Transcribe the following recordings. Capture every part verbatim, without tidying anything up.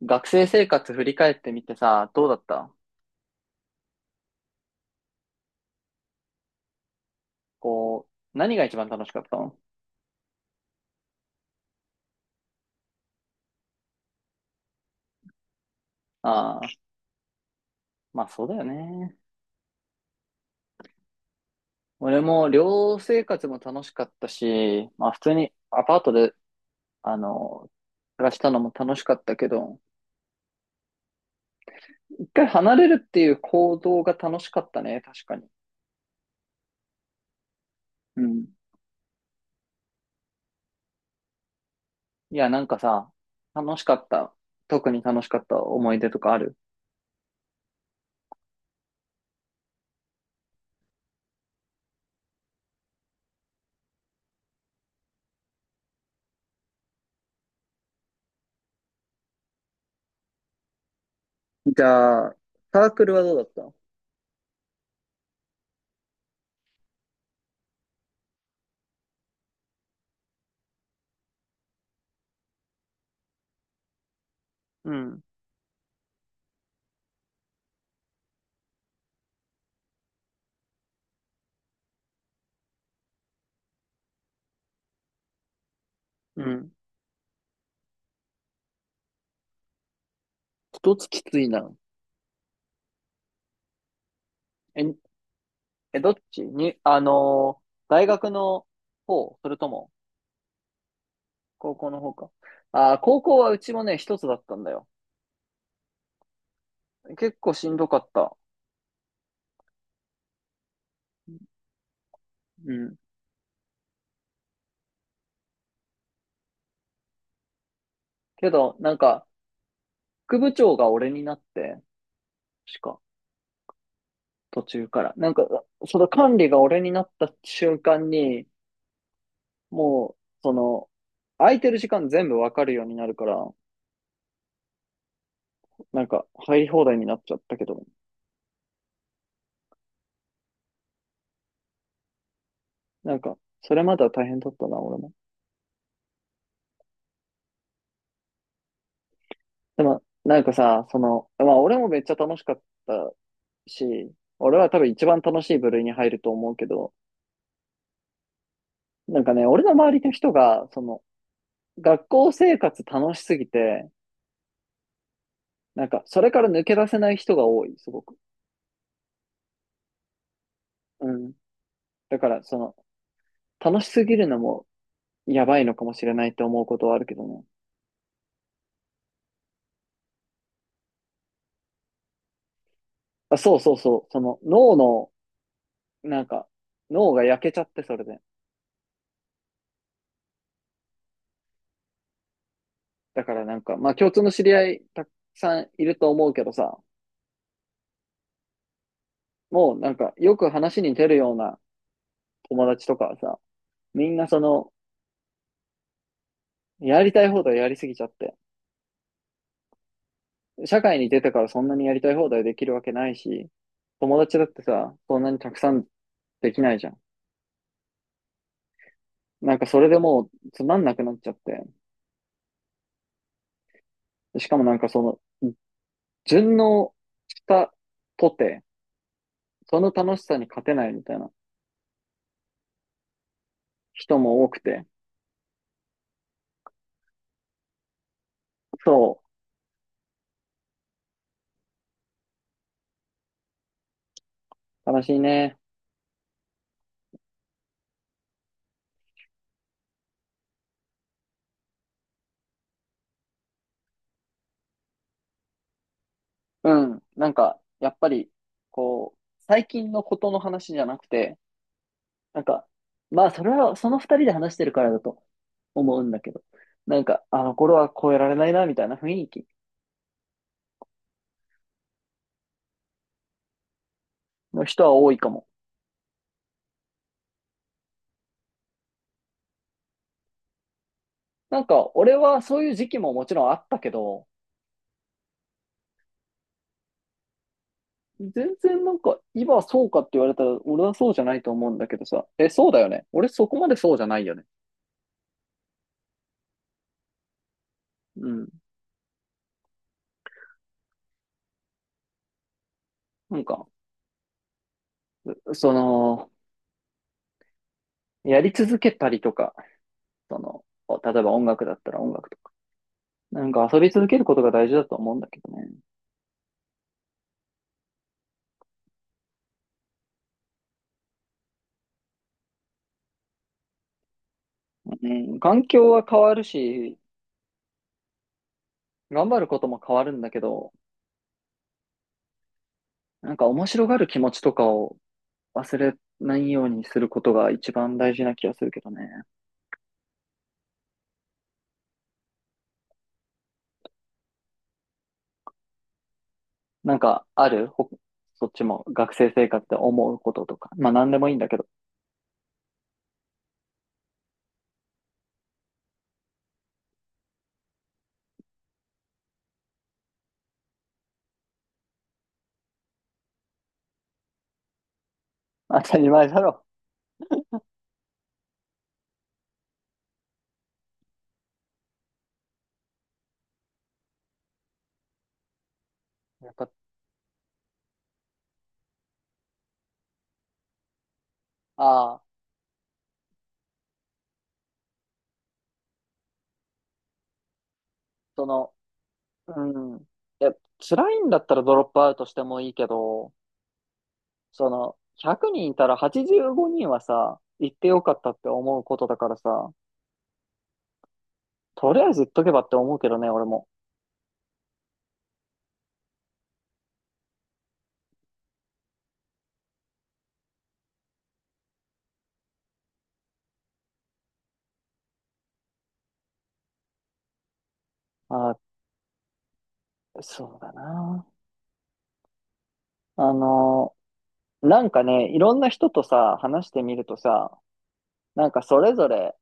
学生生活振り返ってみてさ、どうだった？こう、何が一番楽しかったの？ああー、まあそうだよね。俺も寮生活も楽しかったし、まあ普通にアパートで、あの、暮らしたのも楽しかったけど、一回離れるっていう行動が楽しかったね、確かに。うん。いや、なんかさ、楽しかった。特に楽しかった思い出とかある？じゃあ、サークルはどうだった？うん。うん。一つきついな。え、え、どっちに、あのー大学の方、それとも、高校の方か。あー、高校はうちもね、一つだったんだよ。結構しんどかった。うん。けど、なんか、副部長が俺になって、しか、途中から。なんか、その管理が俺になった瞬間に、もう、その、空いてる時間全部わかるようになるから、なんか、入り放題になっちゃったけど、なんか、それまでは大変だったな、俺も。でも、なんかさ、その、まあ俺もめっちゃ楽しかったし、俺は多分一番楽しい部類に入ると思うけど、なんかね、俺の周りの人が、その、学校生活楽しすぎて、なんか、それから抜け出せない人が多い、すごく。うん。だから、その、楽しすぎるのもやばいのかもしれないって思うことはあるけどね。あ、そうそうそう、その、脳の、なんか、脳が焼けちゃって、それで。だからなんか、まあ共通の知り合いたくさんいると思うけどさ、もうなんかよく話に出るような友達とかはさ、みんなその、やりたい放題やりすぎちゃって。社会に出てからそんなにやりたい放題できるわけないし、友達だってさ、そんなにたくさんできないじゃん。なんかそれでもうつまんなくなっちゃって。しかもなんかその、順応したとて、その楽しさに勝てないみたいな人も多くて。そう、悲しいね。うん。なんか、やっぱり、こう、最近のことの話じゃなくて、なんか、まあ、それは、その二人で話してるからだと思うんだけど、なんか、あの頃は超えられないな、みたいな雰囲気の人は多いかも。なんか、俺はそういう時期ももちろんあったけど、全然なんか、今はそうかって言われたら、俺はそうじゃないと思うんだけどさ、え、そうだよね。俺そこまでそうじゃないよね。うん。なんか、その、やり続けたりとか、その、例えば音楽だったら音楽とか、なんか遊び続けることが大事だと思うんだけどね。うん、環境は変わるし、頑張ることも変わるんだけど、なんか面白がる気持ちとかを忘れないようにすることが一番大事な気がするけどね。なんかあるほそっちも学生生活で思うこととか。まあ何でもいいんだけど。当たり前だろ。やっぱ、ああ、その、うん。いや、辛いんだったらドロップアウトしてもいいけど、その、ひゃくにんいたらはちじゅうごにんはさ、行ってよかったって思うことだからさ、とりあえず言っとけばって思うけどね、俺も。ああ、そうだな。あのなんかね、いろんな人とさ、話してみるとさ、なんかそれぞれ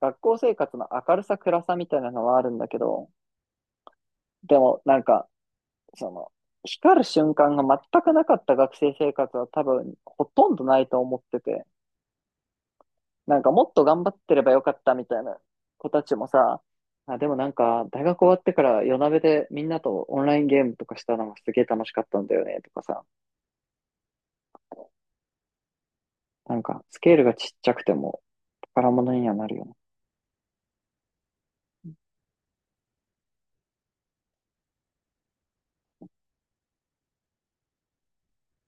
学校生活の明るさ暗さみたいなのはあるんだけど、でもなんか、その、光る瞬間が全くなかった学生生活は多分ほとんどないと思ってて、なんかもっと頑張ってればよかったみたいな子たちもさ、あ、でもなんか大学終わってから夜なべでみんなとオンラインゲームとかしたのがすげえ楽しかったんだよねとかさ、なんかスケールがちっちゃくても宝物にはなるよね。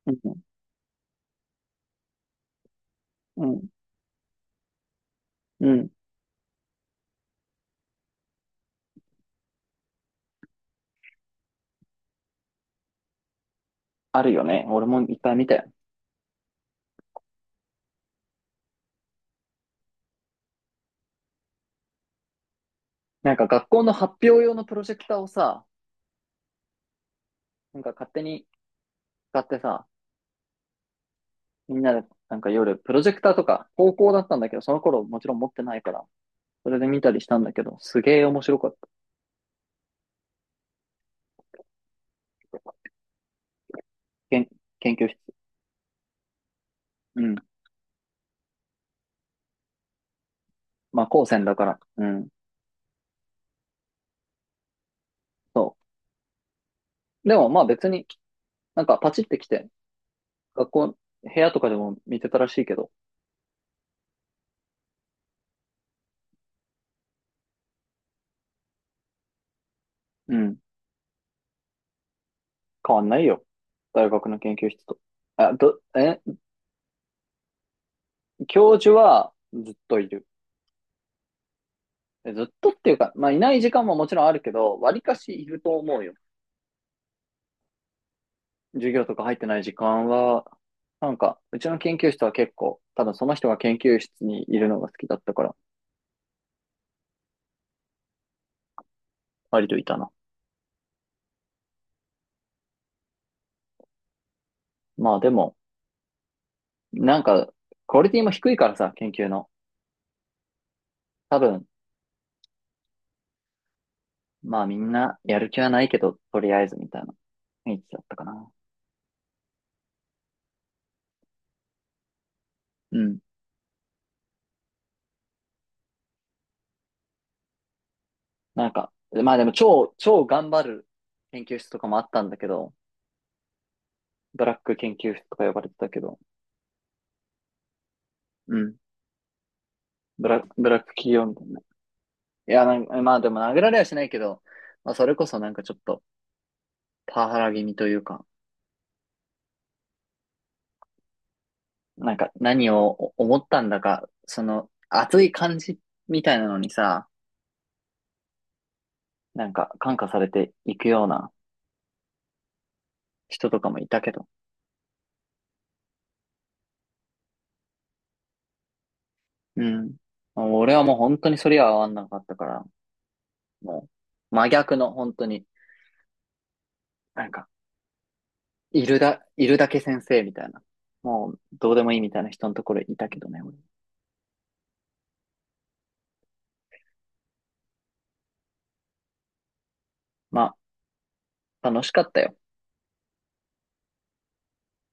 うんうん、うん。あるよね。俺もいっぱい見たよ。なんか学校の発表用のプロジェクターをさ、なんか勝手に使ってさ、みんなでなんか夜、プロジェクターとか、高校だったんだけど、その頃もちろん持ってないから、それで見たりしたんだけど、すげえ面白かった。けん研究室。うん。まあ、高専だから。うん。そう。でもまあ別に、なんかパチってきて、学校、部屋とかでも見てたらしいけど、うん。変わんないよ。大学の研究室と。あ、ど、え、教授はずっといる。ずっとっていうか、まあ、いない時間ももちろんあるけど、わりかしいると思うよ。授業とか入ってない時間は、なんか、うちの研究室は結構、多分その人が研究室にいるのが好きだったから、割といたな。まあでも、なんか、クオリティも低いからさ、研究の。多分、まあみんなやる気はないけど、とりあえずみたいな雰囲気だったかな。うん。なんか、まあでも超、超頑張る研究室とかもあったんだけど、ブラック研究室とか呼ばれてたけど、うん。ブラ、ブラック企業みたいな。いや、なんか、まあでも殴られはしないけど、まあそれこそなんかちょっとパワハラ気味というか、なんか何を思ったんだか、その熱い感じみたいなのにさ、なんか感化されていくような人とかもいたけど、うん。俺はもう本当にそれは合わんなかったから、もう真逆の本当に、なんか、いるだ、いるだけ先生みたいな、もうどうでもいいみたいな人のところにいたけどね、俺、まあ楽しかったよ。